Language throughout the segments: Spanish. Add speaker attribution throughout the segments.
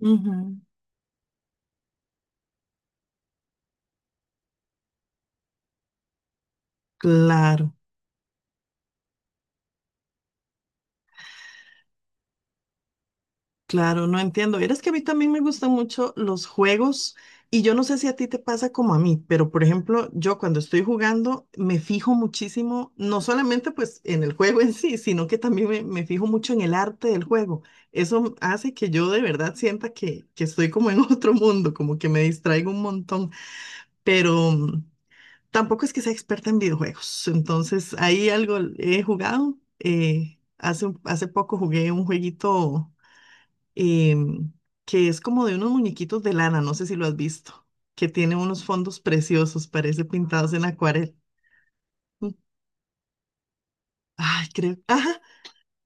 Speaker 1: Ujú. Claro, claro, no entiendo. Verás que a mí también me gustan mucho los juegos y yo no sé si a ti te pasa como a mí, pero por ejemplo, yo cuando estoy jugando me fijo muchísimo, no solamente pues en el juego en sí, sino que también me fijo mucho en el arte del juego. Eso hace que yo de verdad sienta que estoy como en otro mundo, como que me distraigo un montón, pero... mm, tampoco es que sea experta en videojuegos, entonces ahí algo he jugado. Hace, hace poco jugué un jueguito em, que es como de unos muñequitos de lana, no sé si lo has visto, que tiene unos fondos preciosos, parece pintados en acuarela. Mm. Ay, creo. Ajá,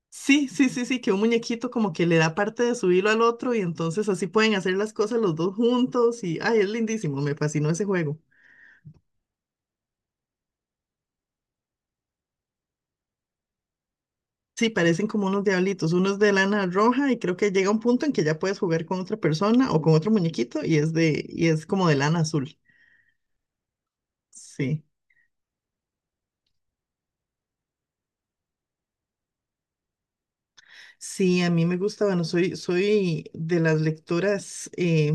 Speaker 1: sí, sí, sí, sí, que un muñequito como que le da parte de su hilo al otro y entonces así pueden hacer las cosas los dos juntos y, ay, es lindísimo, me fascinó ese juego. Sí, parecen como unos diablitos, unos de lana roja y creo que llega un punto en que ya puedes jugar con otra persona o con otro muñequito y es de y es como de lana azul. Sí. Sí, a mí me gusta, bueno, soy de las lectoras eh,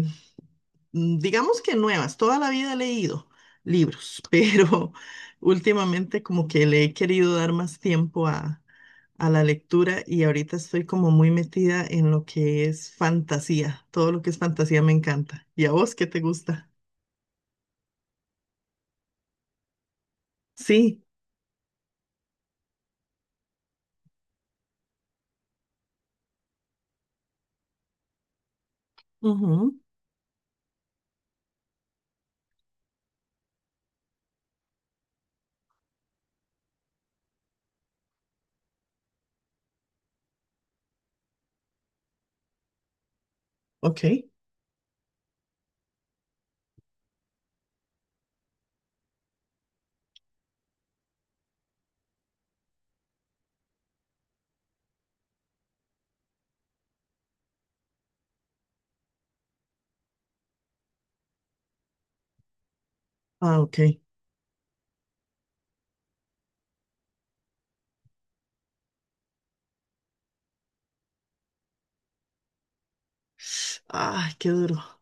Speaker 1: mm, digamos que nuevas, toda la vida he leído libros, pero últimamente como que le he querido dar más tiempo a la lectura y ahorita estoy como muy metida en lo que es fantasía, todo lo que es fantasía me encanta. ¿Y a vos qué te gusta? Sí. Ujú. Ok. Ah, ok. Ay, qué duro.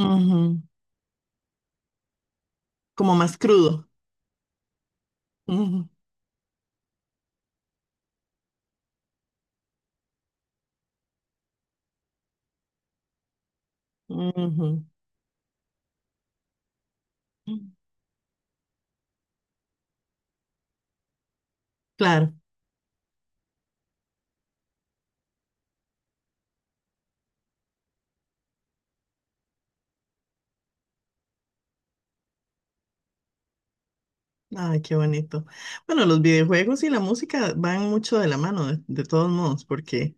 Speaker 1: Ujú. Como más crudo. Ujú, ujú. Claro. Ay, qué bonito. Bueno, los videojuegos y la música van mucho de la mano, de todos modos, porque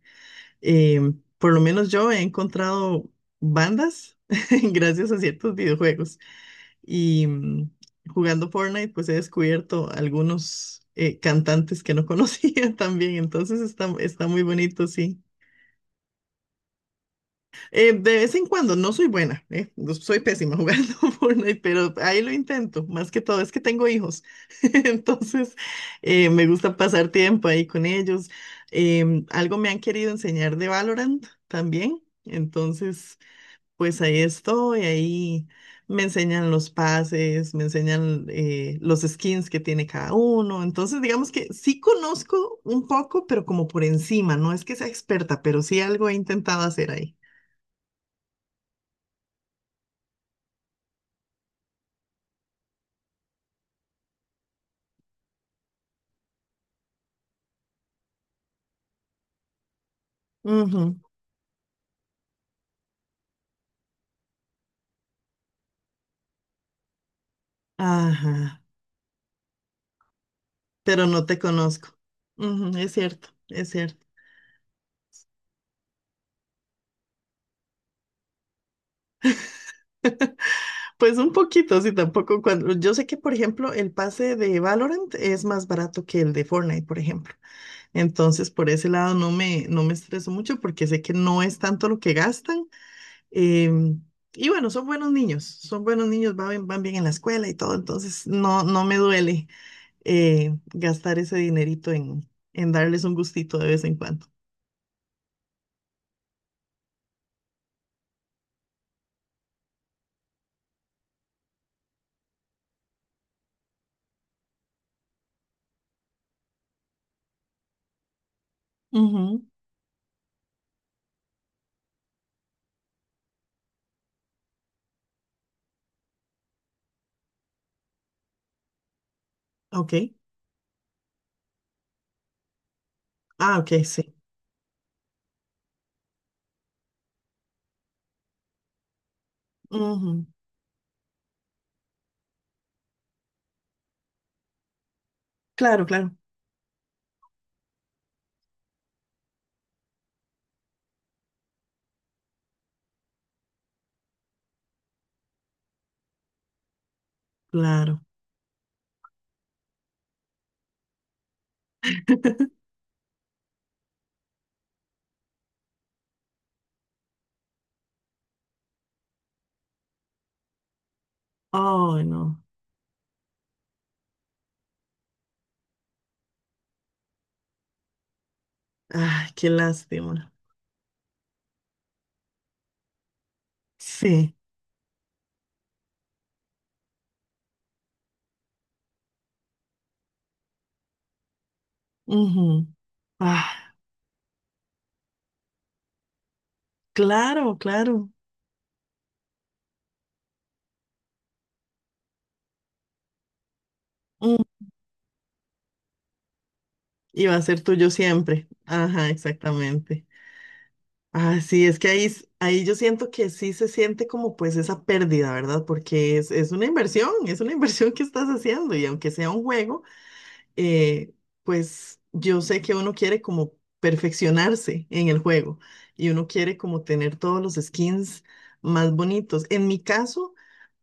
Speaker 1: eh, por lo menos yo he encontrado bandas gracias a ciertos videojuegos. Y jugando Fortnite, pues he descubierto algunos cantantes que no conocía también. Entonces está muy bonito, sí. De vez en cuando, no soy buena, soy pésima jugando Fortnite, pero ahí lo intento. Más que todo es que tengo hijos, entonces me gusta pasar tiempo ahí con ellos. Em, algo me han querido enseñar de Valorant también, entonces pues ahí estoy, ahí me enseñan los pases, me enseñan los skins que tiene cada uno. Entonces, digamos que sí conozco un poco, pero como por encima, no es que sea experta, pero sí algo he intentado hacer ahí. Ujú. Ajá, pero no te conozco. Ujú, es cierto, es cierto. Pues un poquito, sí, tampoco cuando... Yo sé que, por ejemplo, el pase de Valorant es más barato que el de Fortnite, por ejemplo. Entonces, por ese lado no me estreso mucho porque sé que no es tanto lo que gastan. em, y bueno, son buenos niños, van bien en la escuela y todo. Entonces, no, no me duele gastar ese dinerito en darles un gustito de vez en cuando. Ujú. Ok. Ah, ok, sí. Ujú. Claro, claro, claro. Ay, no. Ay, qué lástima. Sí, ujú. Ah, claro, claro. Mm. Y va a ser tuyo siempre. Ajá, exactamente. Ah, sí, es que ahí, ahí yo siento que sí se siente como pues esa pérdida, ¿verdad? Porque es una inversión, es una inversión que estás haciendo y aunque sea un juego, eh, pues yo sé que uno quiere como perfeccionarse en el juego y uno quiere como tener todos los skins más bonitos. En mi caso...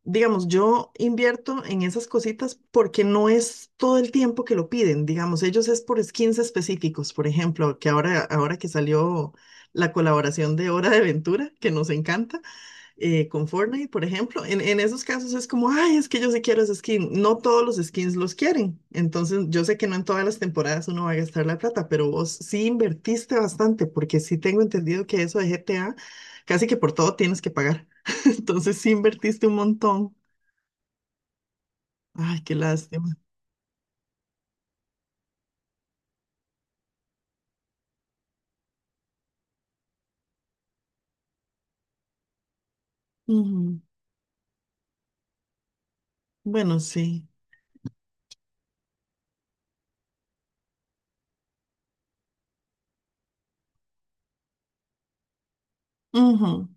Speaker 1: Digamos, yo invierto en esas cositas porque no es todo el tiempo que lo piden, digamos, ellos es por skins específicos, por ejemplo, que ahora que salió la colaboración de Hora de Aventura, que nos encanta, con Fortnite, por ejemplo, en esos casos es como, ay, es que yo sí quiero ese skin, no todos los skins los quieren, entonces yo sé que no en todas las temporadas uno va a gastar la plata, pero vos sí invertiste bastante, porque sí tengo entendido que eso de GTA, casi que por todo tienes que pagar, entonces sí invertiste un montón. Ay, qué lástima. Ujú. Bueno, sí. Ujú.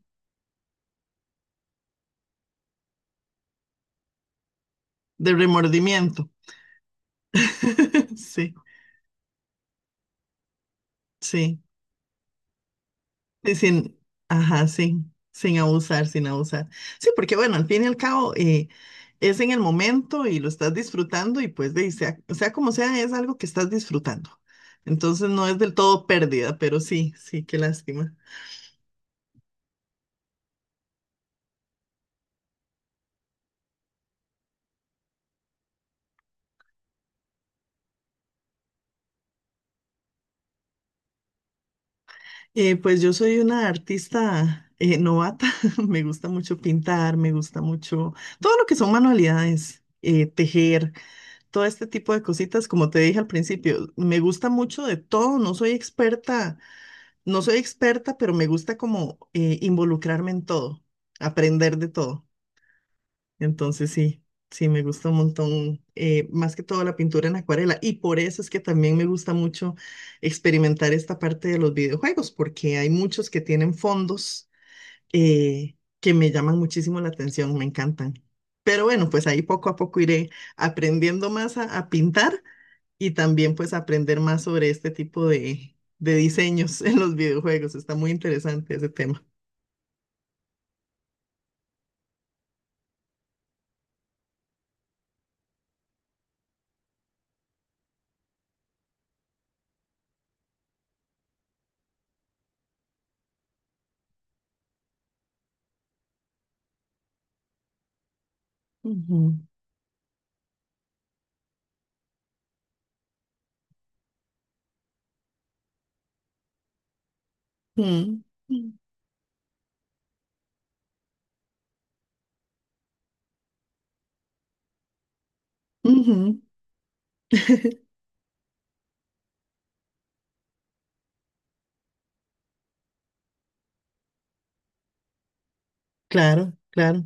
Speaker 1: De remordimiento. Sí, sí. Sí, sin, ajá, sin abusar, sin abusar. Sí, porque bueno, al fin y al cabo es en el momento y lo estás disfrutando y pues de, sea, sea como sea, es algo que estás disfrutando. Entonces no es del todo pérdida, pero sí, sí, qué lástima. Pues yo soy una artista novata, me gusta mucho pintar, me gusta mucho todo lo que son manualidades, tejer, todo este tipo de cositas, como te dije al principio, me gusta mucho de todo, no soy experta, no soy experta, pero me gusta como involucrarme en todo, aprender de todo. Entonces sí, sí, me gusta un montón, más que todo la pintura en acuarela. Y por eso es que también me gusta mucho experimentar esta parte de los videojuegos, porque hay muchos que tienen fondos que me llaman muchísimo la atención, me encantan. Pero bueno, pues ahí poco a poco iré aprendiendo más a pintar y también pues aprender más sobre este tipo de diseños en los videojuegos. Está muy interesante ese tema. Ujú, mm, ujú. Claro, claro.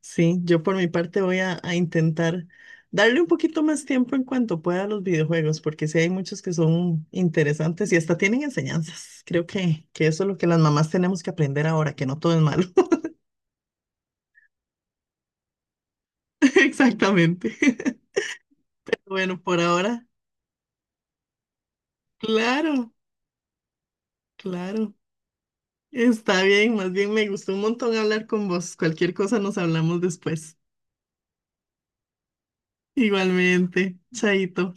Speaker 1: Sí, yo por mi parte voy a intentar darle un poquito más tiempo en cuanto pueda a los videojuegos, porque sí hay muchos que son interesantes y hasta tienen enseñanzas. Creo que eso es lo que las mamás tenemos que aprender ahora, que no todo es malo. Exactamente. Bueno, por ahora, claro, claro. Está bien, más bien me gustó un montón hablar con vos. Cualquier cosa nos hablamos después. Igualmente, Chaito.